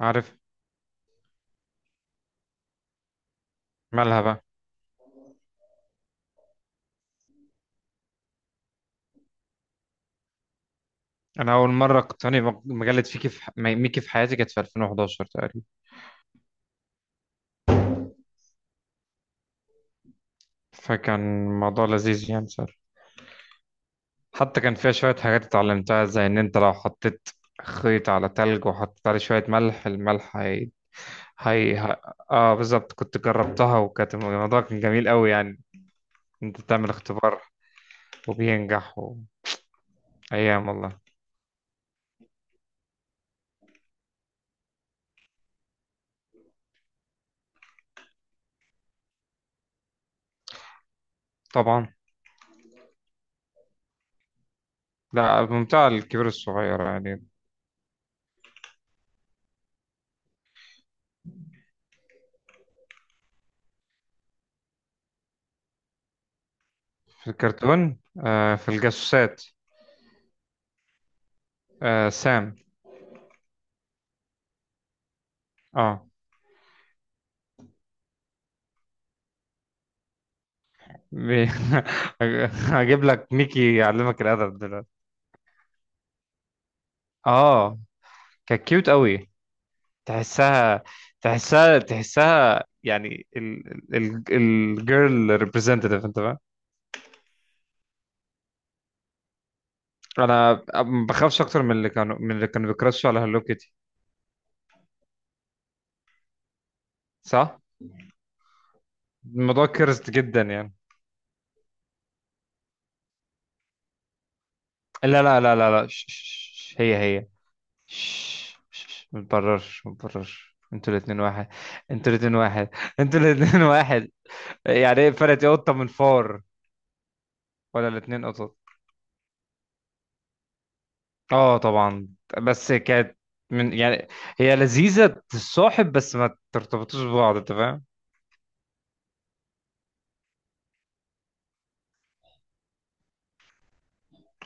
عارف. مالها بقى؟ انا اول مره اقتني مجله ميكي في حياتي كانت في 2011 تقريبا، فكان الموضوع لذيذ يعني صار. حتى كان فيها شويه حاجات اتعلمتها، زي ان انت لو حطيت خيط على تلج وحطيت عليه شويه ملح، الملح. هي ه- اه، بالظبط كنت جربتها، وكانت الموضوع كان جميل قوي يعني. انت تعمل اختبار وبينجح ايام والله. طبعا. لا، ممتع الكبير الصغير يعني. في الكرتون، في الجاسوسات. آه، سام. اه. بي- هجيب لك ميكي يعلمك الادب دلوقتي. اه كانت كيوت قوي. تحسها تحسها يعني، الجيرل ريبريزنتيف، انت فاهم. انا ما بخافش اكتر من اللي كانوا بيكراشوا على هالو كيتي. صح. الموضوع كرست جدا يعني. لا، لا، لا، لا، لا، هي هي ما تبررش، ما تبررش. انتوا الاتنين واحد. انتوا الاتنين واحد. انتوا الاتنين واحد. يعني ايه؟ فرقت ايه قطة من فار ولا الاتنين قطط؟ اه، طبعا، بس كانت من يعني، هي لذيذة الصاحب بس ما ترتبطوش ببعض، انت فاهم.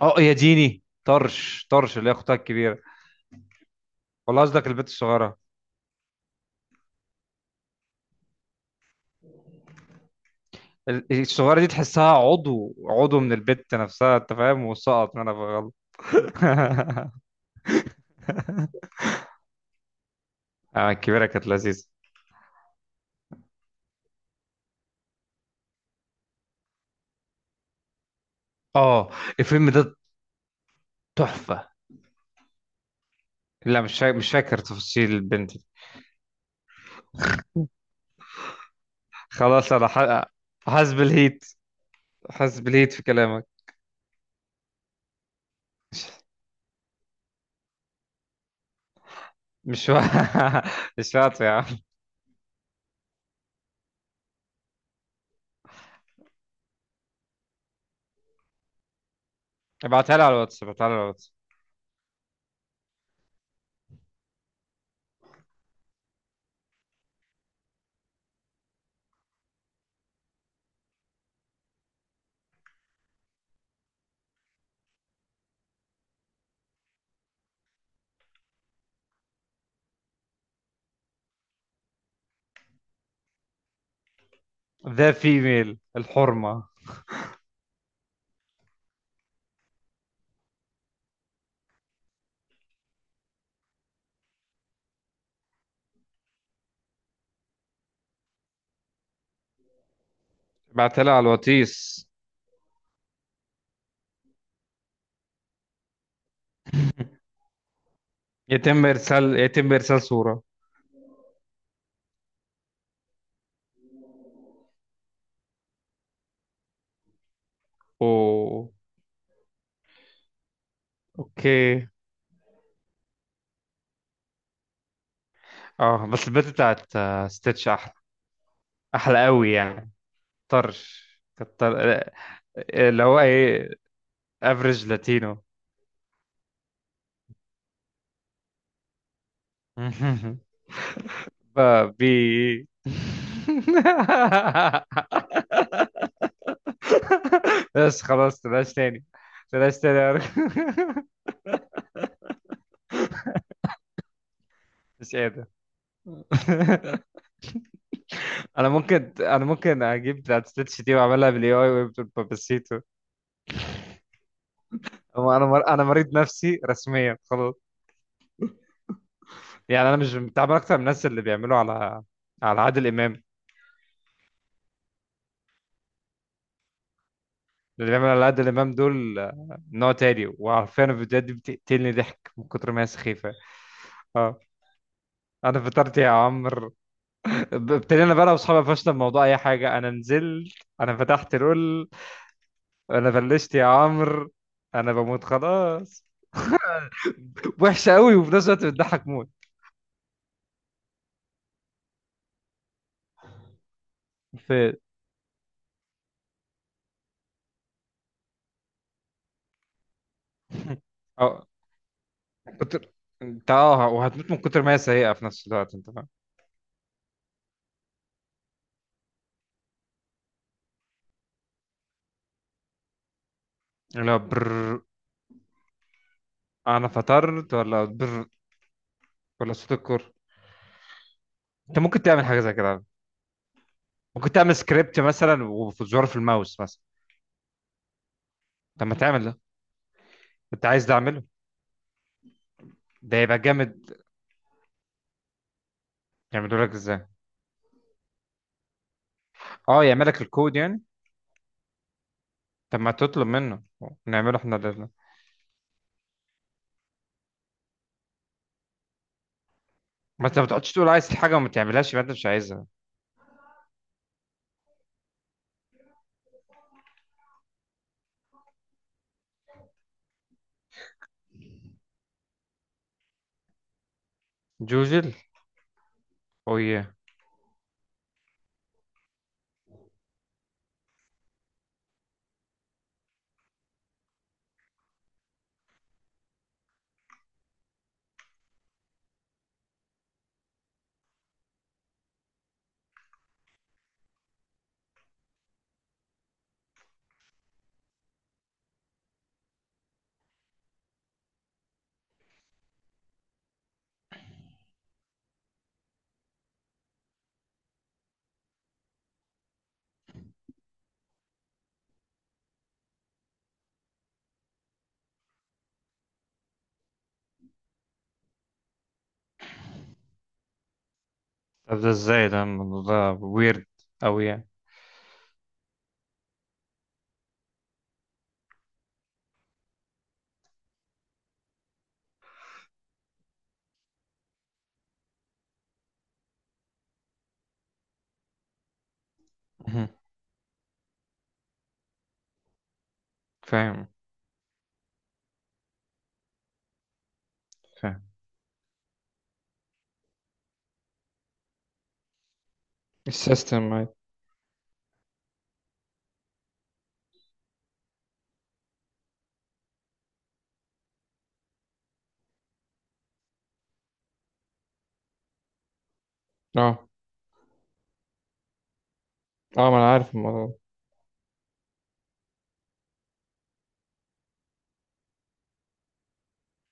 اه يا ديني، طرش، طرش اللي هي اختها الكبيرة. والله قصدك البت الصغيرة. الصغيرة دي تحسها عضو، عضو من البت نفسها انت فاهم، وسقط منها في غلط. اه، الكبيرة كانت لذيذة. اه، الفيلم ده تحفة. لا، مش فاكر تفاصيل البنت دي. خلاص. حاسس بالهيت، حاسس بالهيت في كلامك. مش و... مش واطي يا عم. ابعتها لي على الواتس، ابعتها لي على الواتس. ذا فيميل الحرمة. ابعتها لي على الواتس. يتم ارسال صورة. اوه. اوكي. اه، بس البت بتاعت ستيتش احلى. احلى قوي يعني. طرش. كتر. اللي هو ايه؟ افريج لاتينو. بابي. بس خلاص، تلاش تاني. تلاش تاني يا راجل. مش قادر. انا ممكن اجيب بتاعت ستيتش دي واعملها بالاي اي ويبقى باباسيتو. أنا مريض نفسي رسميا خلاص. يعني انا مش متعامل اكتر من الناس اللي بيعملوا على عادل امام. اللي بيعملوا على عادل امام دول نوع تاني، وعارفين الفيديوهات دي بتقتلني ضحك من كتر ما هي سخيفه. اه. انا فطرت يا عمرو. ابتدينا بقى انا واصحابي، فشنا بموضوع اي حاجه. انا نزلت. انا فتحت لول. انا بلشت يا عمرو. انا بموت خلاص. وحشه قوي، وفي نفس الوقت بتضحك موت. في. اه. كتر. انت، اه، وهتموت من كتر ما هي سيئة في نفس الوقت انت فاهم. اللي هو بر. انا فطرت ولا بر ولا صوت الكور. انت ممكن تعمل حاجة زي كده. ممكن تعمل سكريبت مثلا، وفي زرار في الماوس مثلا. طب ما تعمل ده. انت عايز ده اعمله؟ ده يبقى جامد. يعمله لك ازاي؟ اه، يعمل لك الكود يعني. طب ما تطلب منه نعمله احنا ده. ما انت ما تقعدش تقول عايز الحاجة وما تعملهاش يبقى انت مش عايزها. جوجل. اوه ياه. طب ده ازاي؟ ده الموضوع ده ويرد اوي يعني. مهم. فاهم. السيستم، أيوة. اه، اه، ما انا عارف الموضوع ده.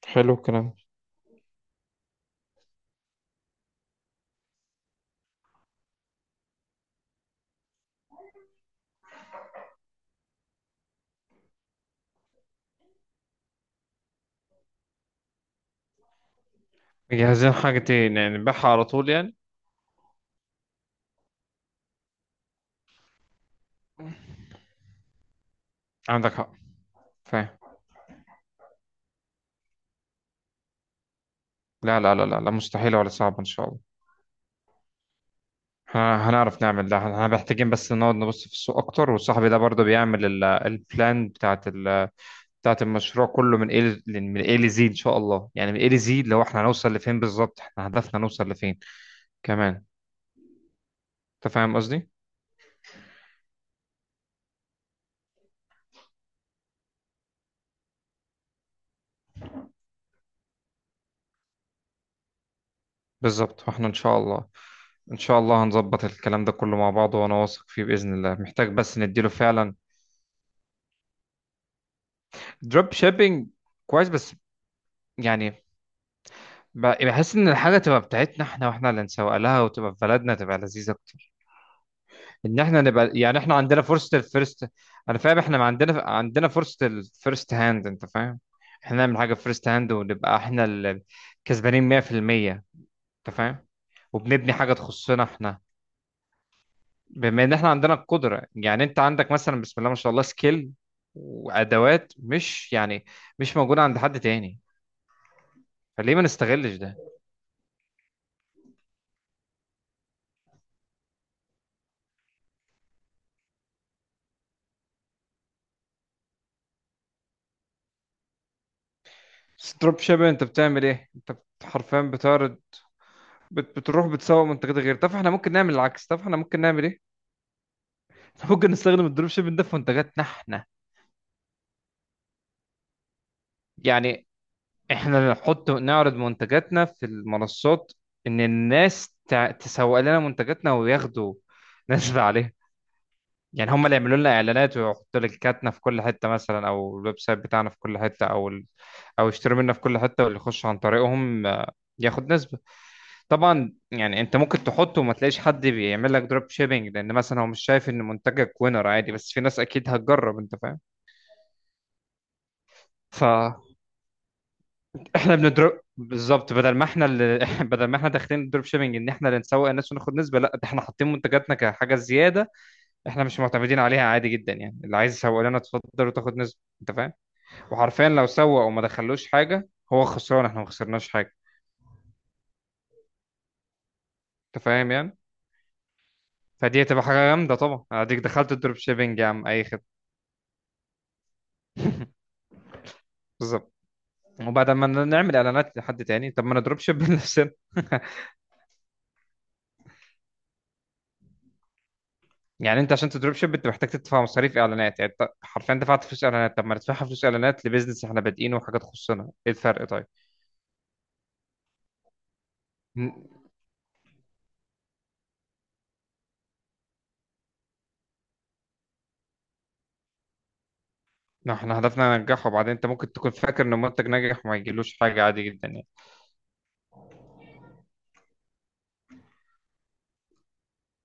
حلو الكلام. جاهزين حاجتين يعني نبيعها على طول يعني؟ عندك حق. فاهم. لا، لا، لا، لا، لا، مستحيلة ولا صعبة إن شاء الله. احنا هنعرف نعمل ده، احنا محتاجين بس نقعد نبص في السوق أكتر، وصاحبي ده برضه بيعمل البلان بتاعت المشروع كله، من ايه لزي ان شاء الله، يعني من ايه لزي اللي هو احنا هنوصل لفين بالظبط، احنا هدفنا نوصل لفين كمان. انت فاهم قصدي. بالظبط، واحنا ان شاء الله. ان شاء الله هنظبط الكلام ده كله مع بعض، وانا واثق فيه باذن الله، محتاج بس نديله فعلا. دروب شيبينج، كويس، بس يعني بحس ان الحاجه تبقى بتاعتنا احنا، واحنا اللي نسوق لها، وتبقى في بلدنا تبقى لذيذه اكتر. ان احنا نبقى يعني احنا عندنا فرصه الفيرست. انا فاهم، احنا ما عندنا عندنا فرصه الفيرست هاند، انت فاهم. احنا نعمل حاجه فيرست هاند ونبقى احنا اللي كسبانين 100%، انت فاهم. وبنبني حاجه تخصنا احنا، بما ان احنا عندنا القدره، يعني انت عندك مثلا بسم الله ما شاء الله سكيل وادوات مش يعني مش موجوده عند حد تاني. فليه ما نستغلش ده؟ ستروب شيبر، انت بتعمل ايه؟ انت حرفيا بتعرض. بتروح بتسوق منتجات غير. طب احنا ممكن نعمل العكس. طب احنا ممكن نعمل ايه؟ إحنا ممكن نستخدم الدروب شيبنج ده في منتجاتنا احنا. يعني احنا نحط، نعرض منتجاتنا في المنصات، ان الناس تسوق لنا منتجاتنا وياخدوا نسبة عليها. يعني هم اللي يعملوا لنا اعلانات، ويحطوا لينكاتنا في كل حته مثلا، او الويب سايت بتاعنا في كل حته، او يشتروا منا في كل حته، واللي يخش عن طريقهم ياخد نسبه. طبعا يعني انت ممكن تحطه وما تلاقيش حد بيعمل لك دروب شيبنج، لان مثلا هو مش شايف ان منتجك وينر، عادي، بس في ناس اكيد هتجرب انت فاهم. فاحنا بندروب بالظبط، بدل ما احنا اللي بدل ما احنا داخلين الدروب شيبنج ان احنا اللي نسوق الناس وناخد نسبه، لا ده احنا حاطين منتجاتنا كحاجه زياده، احنا مش معتمدين عليها، عادي جدا، يعني اللي عايز يسوق لنا اتفضل وتاخد نسبه انت فاهم. وحرفيا لو سوق وما دخلوش حاجه هو خسران احنا ما خسرناش حاجه، انت فاهم يعني. فدي هتبقى حاجه جامده طبعا. اديك دخلت الدروب شيبنج يا عم، اي خدمه. بالظبط. وبعد ما نعمل اعلانات لحد تاني، طب ما انا دروب شيب لنفسنا. يعني انت عشان تدروب شيب انت محتاج تدفع مصاريف اعلانات، يعني انت حرفيا دفعت فلوس اعلانات، طب ما ندفعها فلوس اعلانات لبيزنس احنا بادئينه وحاجه تخصنا، ايه الفرق؟ طيب. م- ما احنا هدفنا ننجحه، وبعدين انت ممكن تكون فاكر ان المنتج ناجح وما يجيلوش حاجه عادي جدا يعني